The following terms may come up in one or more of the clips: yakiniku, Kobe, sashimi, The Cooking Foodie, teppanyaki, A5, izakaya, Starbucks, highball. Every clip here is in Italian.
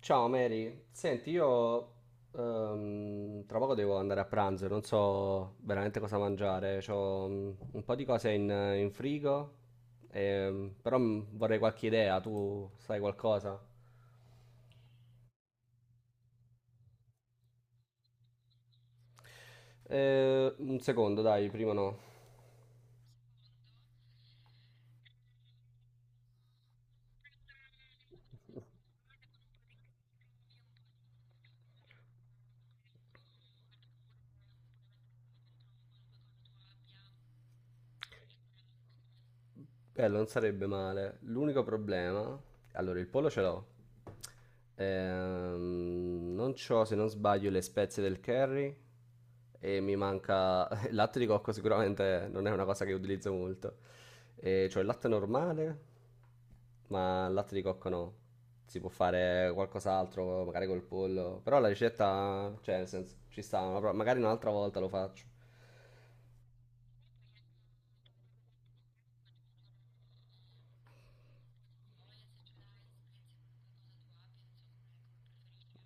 Ciao Mary, senti, io tra poco devo andare a pranzo, e non so veramente cosa mangiare, ho un po' di cose in frigo, però vorrei qualche idea, tu sai qualcosa? Un secondo, dai, prima no. Bello, non sarebbe male. L'unico problema. Allora, il pollo ce l'ho. Non c'ho, se non sbaglio, le spezie del curry e mi manca. Il latte di cocco sicuramente non è una cosa che utilizzo molto. E c'ho il latte normale, ma il latte di cocco no. Si può fare qualcos'altro, magari col pollo. Però la ricetta, cioè, nel senso, ci sta. Magari un'altra volta lo faccio.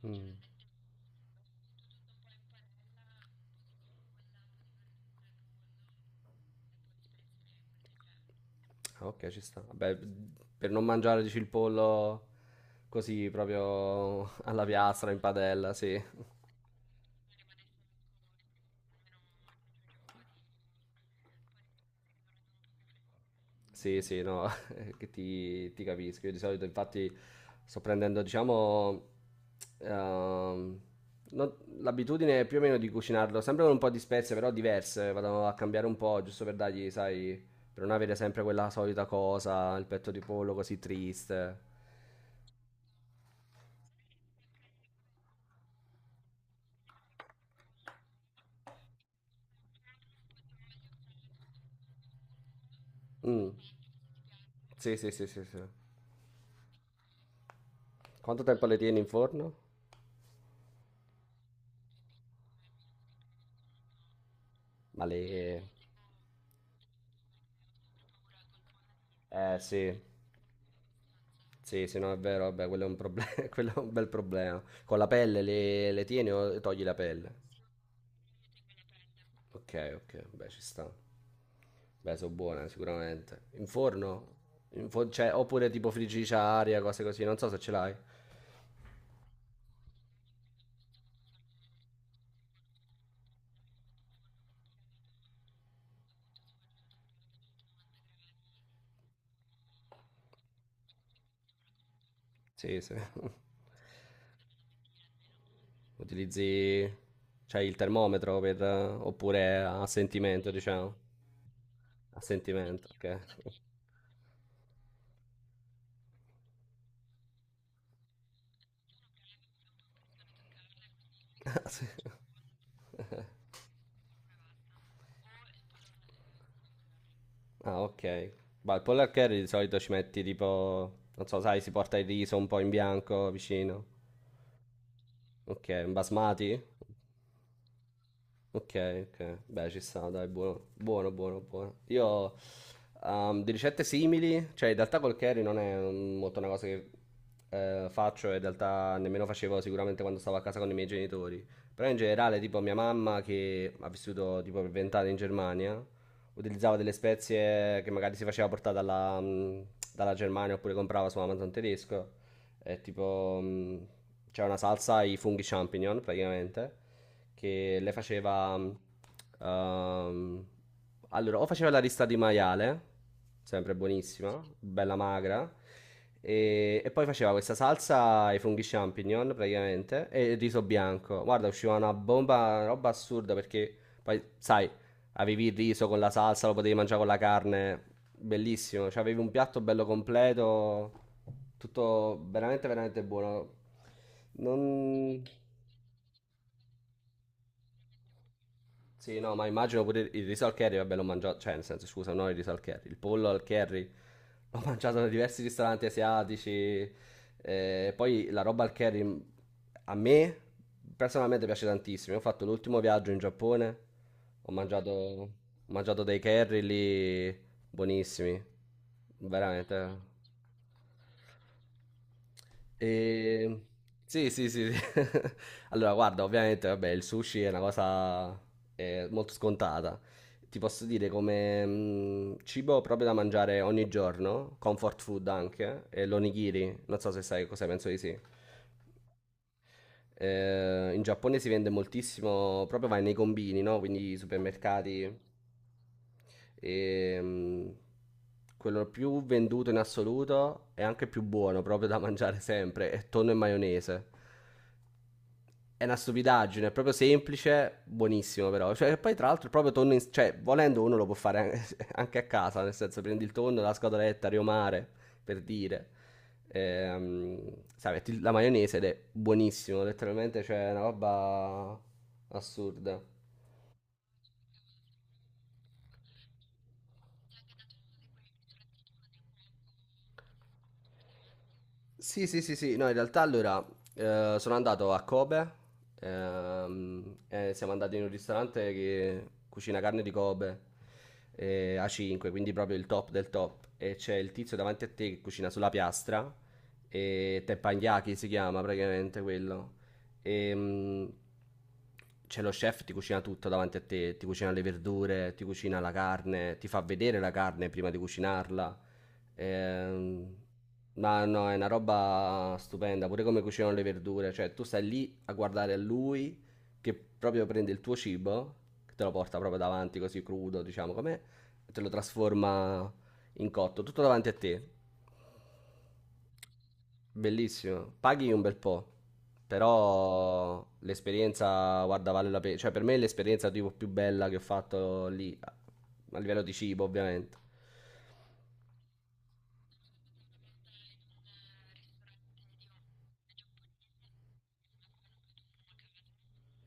Mm. Ah, ok, ci sta. Vabbè, per non mangiare, dici, il pollo così proprio alla piastra, in padella, sì. Sì, sì, no, che ti capisco. Io di solito, infatti, sto prendendo, diciamo, ehm, non- l'abitudine più o meno di cucinarlo, sempre con un po' di spezie, però diverse. Vado a cambiare un po', giusto per dargli, sai, per non avere sempre quella solita cosa, il petto di pollo così triste. Mm. Sì, sì, sì, sì, sì. Quanto tempo le tieni in forno? Ma lì, eh sì, sì, sì, no, è vero, vabbè, quello è un proble- quello è un bel problema. Con la pelle le tieni o togli la pelle? Ok, ok, beh, ci sta. Beh, sono buone sicuramente. In forno? Cioè, oppure tipo friggitrice a aria, cose così, non so se ce l'hai. Sì, sì. Utilizzi, cioè, il termometro per, oppure a sentimento, diciamo. A sentimento, ok. Ah, sì. Ah, ok. Ma il pollo al curry di solito ci metti tipo, non so, sai, si porta il riso un po' in bianco vicino. Ok, un basmati? Ok, ok. Beh, ci sta, dai, buono, buono, buono, buono. Io di ricette simili, cioè in realtà col curry non è molto una cosa che faccio, e in realtà nemmeno facevo sicuramente quando stavo a casa con i miei genitori. Però in generale, tipo mia mamma che ha vissuto tipo per 20 anni in Germania, utilizzava delle spezie che magari si faceva portare dalla Germania oppure comprava su Amazon tedesco. È tipo, c'è una salsa ai funghi champignon, praticamente, che le faceva, ehm, allora, o faceva la rista di maiale, sempre buonissima, bella magra, e poi faceva questa salsa ai funghi champignon, praticamente, e il riso bianco. Guarda, usciva una bomba, una roba assurda, perché poi, sai, avevi il riso con la salsa, lo potevi mangiare con la carne, bellissimo, cioè avevi un piatto bello completo, tutto veramente veramente buono. Non. Sì, no, ma immagino pure il riso al curry, vabbè, l'ho mangiato, cioè, nel senso, scusa, non il riso al curry, il pollo al curry l'ho mangiato da diversi ristoranti asiatici. Poi la roba al curry, a me personalmente piace tantissimo. Io ho fatto l'ultimo viaggio in Giappone, ho mangiato, dei curry lì buonissimi, veramente. E... Sì, sì, sì, sì. Allora, guarda, ovviamente, vabbè, il sushi è una cosa molto scontata. Ti posso dire come cibo proprio da mangiare ogni giorno, comfort food anche, e l'onigiri, non so se sai cosa penso di sì. In Giappone si vende moltissimo, proprio vai nei combini, no? Quindi i supermercati. E, quello più venduto in assoluto e anche più buono, proprio da mangiare sempre, è tonno e maionese. È una stupidaggine, è proprio semplice, buonissimo però. Cioè, poi tra l'altro il proprio tonno, cioè, volendo uno lo può fare anche a casa, nel senso prendi il tonno, la scatoletta, riomare, per dire. Ehm, Sai, metti la maionese ed è buonissimo, letteralmente c'è una roba assurda. Sì, sì, sì, sì, no, in realtà allora sono andato a Kobe, e siamo andati in un ristorante che cucina carne di Kobe, A5, quindi proprio il top del top, e c'è il tizio davanti a te che cucina sulla piastra, e teppanyaki si chiama praticamente quello, e c'è lo chef, ti cucina tutto davanti a te, ti cucina le verdure, ti cucina la carne, ti fa vedere la carne prima di cucinarla. Ehm, ma no, è una roba stupenda, pure come cucinano le verdure, cioè tu stai lì a guardare lui che proprio prende il tuo cibo, che te lo porta proprio davanti così crudo, diciamo com'è, e te lo trasforma in cotto, tutto davanti a te. Bellissimo, paghi un bel po', però l'esperienza, guarda, vale la pena, cioè per me è l'esperienza tipo più bella che ho fatto lì, a livello di cibo ovviamente.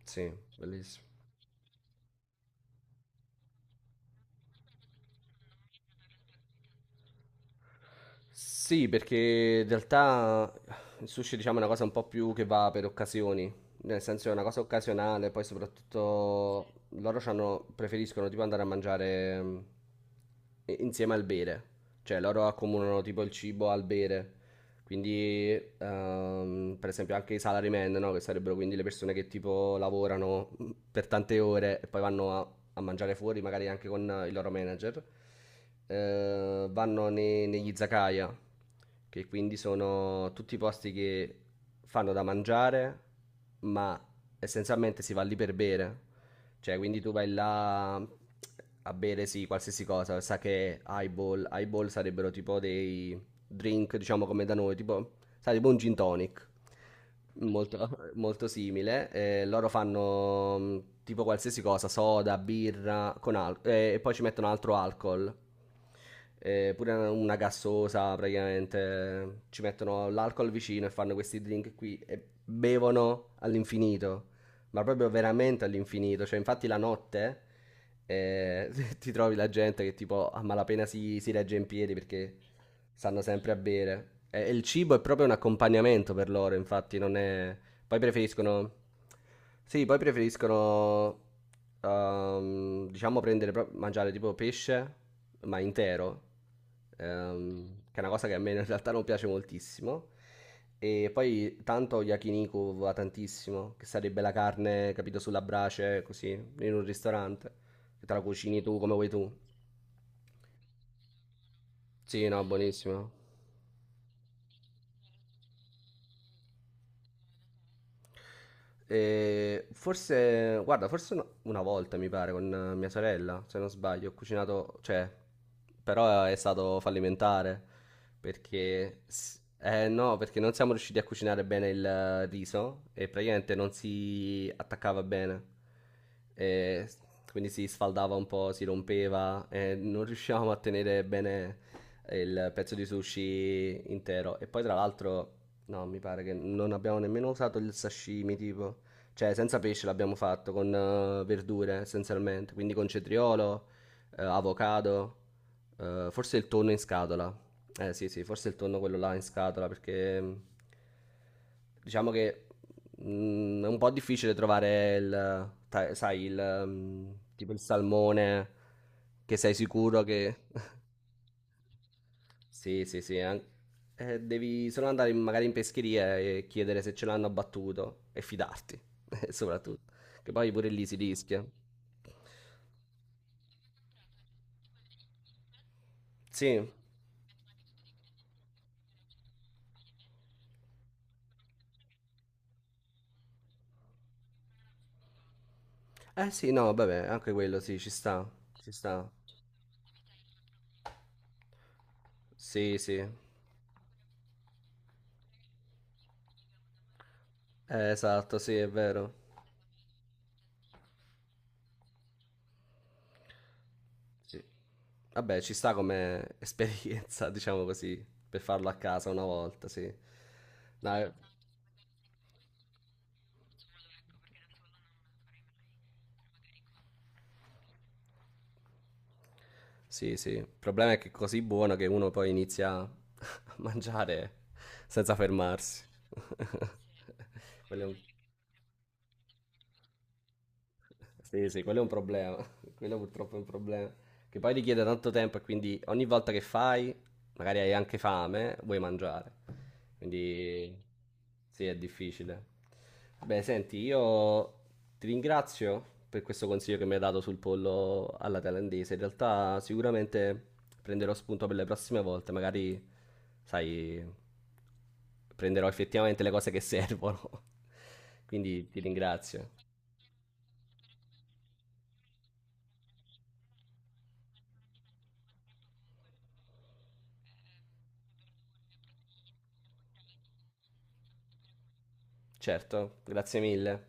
Sì, bellissimo. Sì, perché in realtà il sushi, diciamo, è una cosa un po' più che va per occasioni, nel senso è una cosa occasionale, poi soprattutto loro preferiscono tipo andare a mangiare, insieme al bere, cioè loro accomunano tipo il cibo al bere, quindi, per esempio, anche i salarymen, no? Che sarebbero quindi le persone che tipo lavorano, per tante ore e poi vanno a mangiare fuori, magari anche con il loro manager. Vanno negli izakaya, che quindi sono tutti i posti che fanno da mangiare, ma essenzialmente si va lì per bere. Cioè, quindi tu vai là a bere, sì, qualsiasi cosa, sa che highball sarebbero tipo dei drink, diciamo come da noi, tipo, sai, tipo un gin tonic, molto, molto simile. Loro fanno tipo qualsiasi cosa, soda, birra, con e poi ci mettono altro alcol. Pure una gassosa praticamente ci mettono l'alcol vicino e fanno questi drink qui e bevono all'infinito ma proprio veramente all'infinito. Cioè, infatti, la notte, eh, ti trovi la gente che tipo a malapena si regge in piedi perché stanno sempre a bere. E il cibo è proprio un accompagnamento per loro, infatti, non è. Poi preferiscono. Sì, poi preferiscono. Diciamo prendere, mangiare tipo pesce, ma intero, che è una cosa che a me in realtà non piace moltissimo. E poi tanto yakiniku va tantissimo, che sarebbe la carne, capito, sulla brace, così, in un ristorante, che te la cucini tu come vuoi tu. Sì, no, buonissimo. E forse, guarda, forse una volta mi pare con mia sorella, se non sbaglio, ho cucinato, cioè, però è stato fallimentare perché, no, perché non siamo riusciti a cucinare bene il riso e praticamente non si attaccava bene. E s- quindi si sfaldava un po', si rompeva e non riuscivamo a tenere bene il pezzo di sushi intero. E poi, tra l'altro, no, mi pare che non abbiamo nemmeno usato il sashimi, tipo. Cioè, senza pesce l'abbiamo fatto, con verdure essenzialmente. Quindi con cetriolo, avocado, forse il tonno in scatola. Eh sì, sì, forse il tonno quello là in scatola, perché diciamo che è un po' difficile trovare il, sai, il, tipo il salmone che sei sicuro che. Sì, sì, sì. Devi solo andare magari in pescheria e chiedere se ce l'hanno abbattuto e fidarti, soprattutto. Che poi pure lì si rischia. Sì. Eh sì, no, vabbè, anche quello sì, ci sta. Ci sta. Sì, sì. Esatto, sì, è vero. Sì. Vabbè, ci sta come esperienza, diciamo così, per farlo a casa una volta, sì. No, sì, sì. Il problema è che è così buono che uno poi inizia a mangiare senza fermarsi. Quello è un- Sì, sì, quello è un problema. Quello purtroppo è un problema. Che poi richiede tanto tempo e quindi ogni volta che fai, magari hai anche fame, vuoi mangiare. Quindi sì, è difficile. Beh, senti, io ti ringrazio per questo consiglio che mi hai dato sul pollo alla thailandese. In realtà sicuramente prenderò spunto per le prossime volte, magari, sai, prenderò effettivamente le cose che servono. Quindi ti ringrazio. Certo, grazie mille.